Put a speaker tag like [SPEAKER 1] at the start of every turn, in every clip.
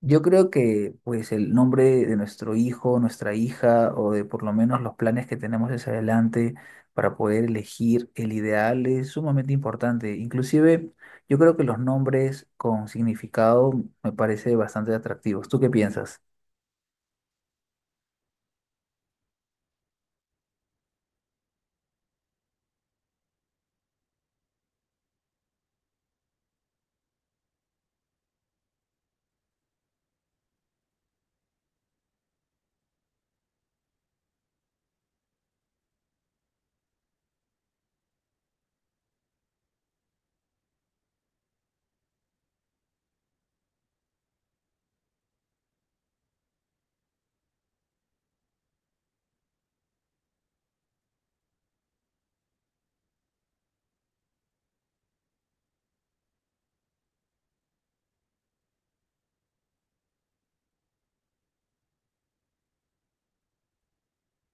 [SPEAKER 1] Yo creo que pues el nombre de nuestro hijo, nuestra hija, o de por lo menos los planes que tenemos hacia adelante para poder elegir el ideal es sumamente importante. Inclusive yo creo que los nombres con significado me parece bastante atractivos. ¿Tú qué piensas?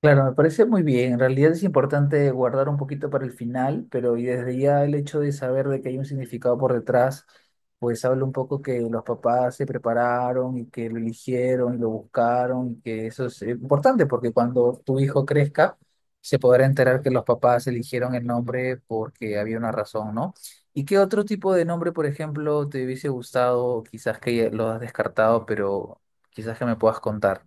[SPEAKER 1] Claro, me parece muy bien. En realidad es importante guardar un poquito para el final, pero y desde ya el hecho de saber de que hay un significado por detrás, pues habla un poco que los papás se prepararon y que lo eligieron y lo buscaron y que eso es importante porque cuando tu hijo crezca se podrá enterar que los papás eligieron el nombre porque había una razón, ¿no? ¿Y qué otro tipo de nombre, por ejemplo, te hubiese gustado, quizás que ya lo has descartado, pero quizás que me puedas contar?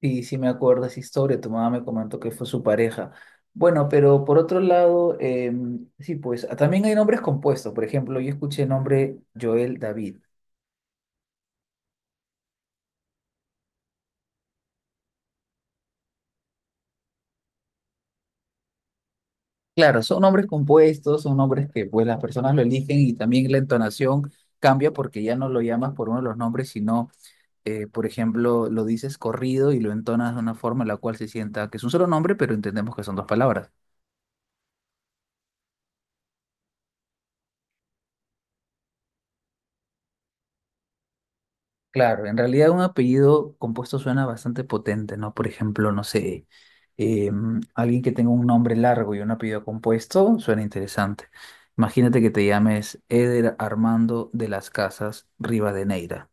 [SPEAKER 1] Sí, sí me acuerdo esa historia, tu mamá me comentó que fue su pareja. Bueno, pero por otro lado, sí, pues ah, también hay nombres compuestos. Por ejemplo, yo escuché el nombre Joel David. Claro, son nombres compuestos, son nombres que pues las personas lo eligen y también la entonación cambia porque ya no lo llamas por uno de los nombres, sino, por ejemplo, lo dices corrido y lo entonas de una forma en la cual se sienta que es un solo nombre, pero entendemos que son dos palabras. Claro, en realidad un apellido compuesto suena bastante potente, ¿no? Por ejemplo, no sé, alguien que tenga un nombre largo y un apellido compuesto suena interesante. Imagínate que te llames Eder Armando de las Casas Rivadeneira.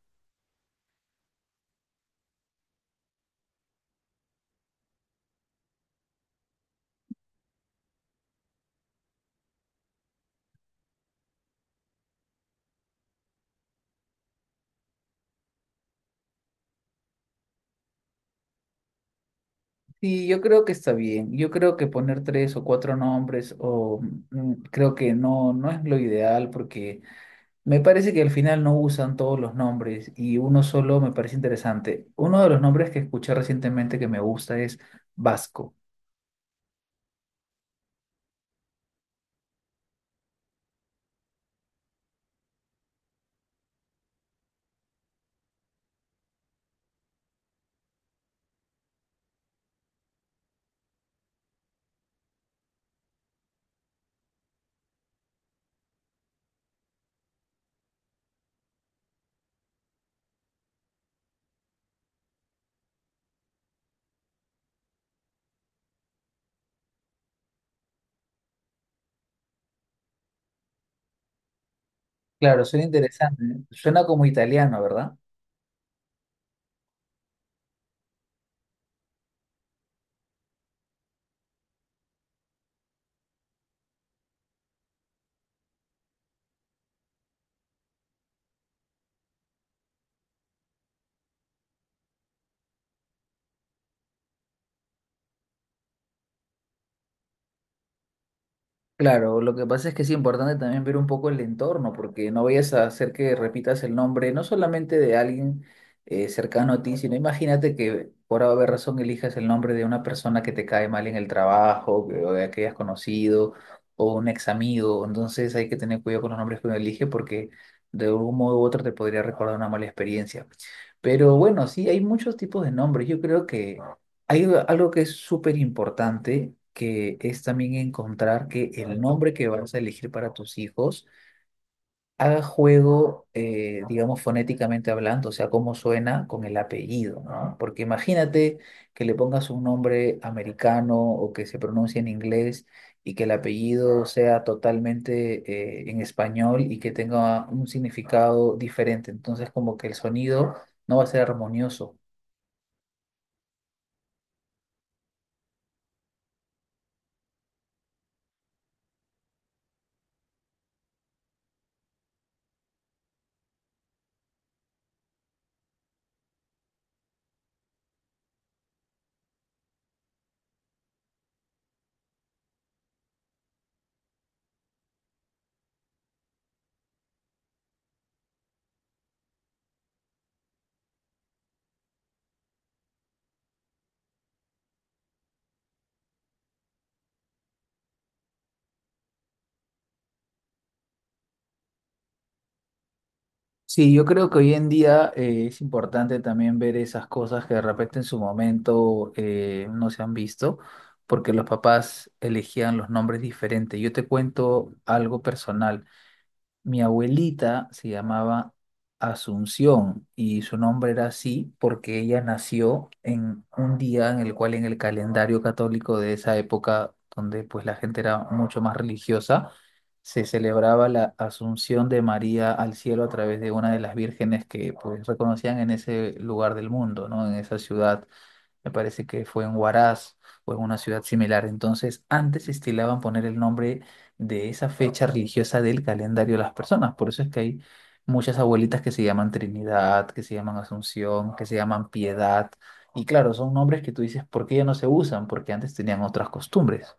[SPEAKER 1] Sí, yo creo que está bien. Yo creo que poner tres o cuatro nombres o mm, creo que no, no es lo ideal porque me parece que al final no usan todos los nombres y uno solo me parece interesante. Uno de los nombres que escuché recientemente que me gusta es Vasco. Claro, suena interesante. ¿Eh? Suena como italiano, ¿verdad? Claro, lo que pasa es que es importante también ver un poco el entorno, porque no vayas a hacer que repitas el nombre, no solamente de alguien cercano a ti, sino imagínate que por haber razón elijas el nombre de una persona que te cae mal en el trabajo, o de que hayas conocido, o un ex amigo. Entonces hay que tener cuidado con los nombres que uno elige, porque de algún modo u otro te podría recordar una mala experiencia. Pero bueno, sí, hay muchos tipos de nombres. Yo creo que hay algo que es súper importante, que es también encontrar que el nombre que vas a elegir para tus hijos haga juego, digamos, fonéticamente hablando, o sea, cómo suena con el apellido, ¿no? Porque imagínate que le pongas un nombre americano o que se pronuncie en inglés y que el apellido sea totalmente, en español y que tenga un significado diferente. Entonces, como que el sonido no va a ser armonioso. Sí, yo creo que hoy en día es importante también ver esas cosas que de repente en su momento no se han visto, porque los papás elegían los nombres diferentes. Yo te cuento algo personal. Mi abuelita se llamaba Asunción y su nombre era así porque ella nació en un día en el cual en el calendario católico de esa época, donde pues la gente era mucho más religiosa, se celebraba la Asunción de María al cielo a través de una de las vírgenes que pues reconocían en ese lugar del mundo, ¿no? En esa ciudad. Me parece que fue en Huaraz o en una ciudad similar. Entonces, antes estilaban poner el nombre de esa fecha religiosa del calendario de las personas. Por eso es que hay muchas abuelitas que se llaman Trinidad, que se llaman Asunción, que se llaman Piedad. Y claro, son nombres que tú dices, ¿por qué ya no se usan? Porque antes tenían otras costumbres.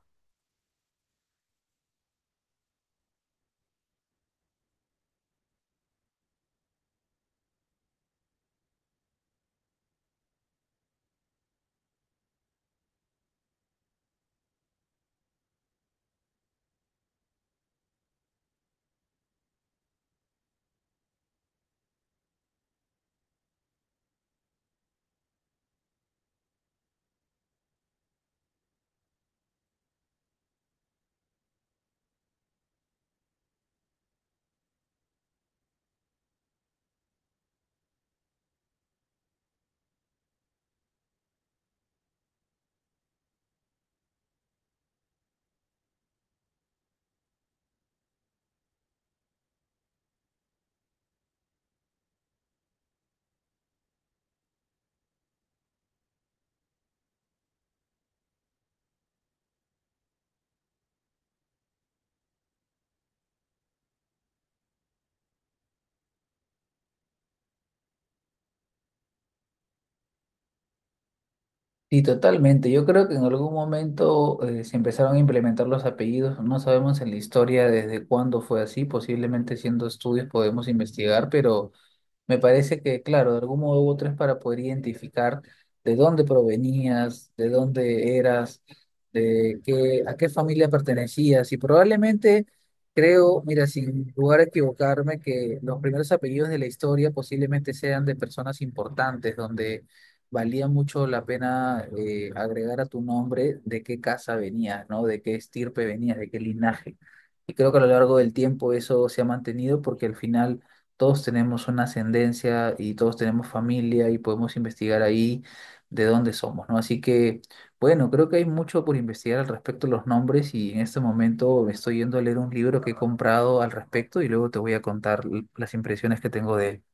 [SPEAKER 1] Sí, totalmente. Yo creo que en algún momento se empezaron a implementar los apellidos. No sabemos en la historia desde cuándo fue así. Posiblemente haciendo estudios podemos investigar, pero me parece que, claro, de algún modo u otro es para poder identificar de dónde provenías, de dónde eras, de qué, a qué familia pertenecías. Y probablemente, creo, mira, sin lugar a equivocarme, que los primeros apellidos de la historia posiblemente sean de personas importantes, donde valía mucho la pena agregar a tu nombre de qué casa venías, ¿no? De qué estirpe venías, de qué linaje. Y creo que a lo largo del tiempo eso se ha mantenido porque al final todos tenemos una ascendencia y todos tenemos familia y podemos investigar ahí de dónde somos, ¿no? Así que, bueno, creo que hay mucho por investigar al respecto de los nombres y en este momento me estoy yendo a leer un libro que he comprado al respecto y luego te voy a contar las impresiones que tengo de él.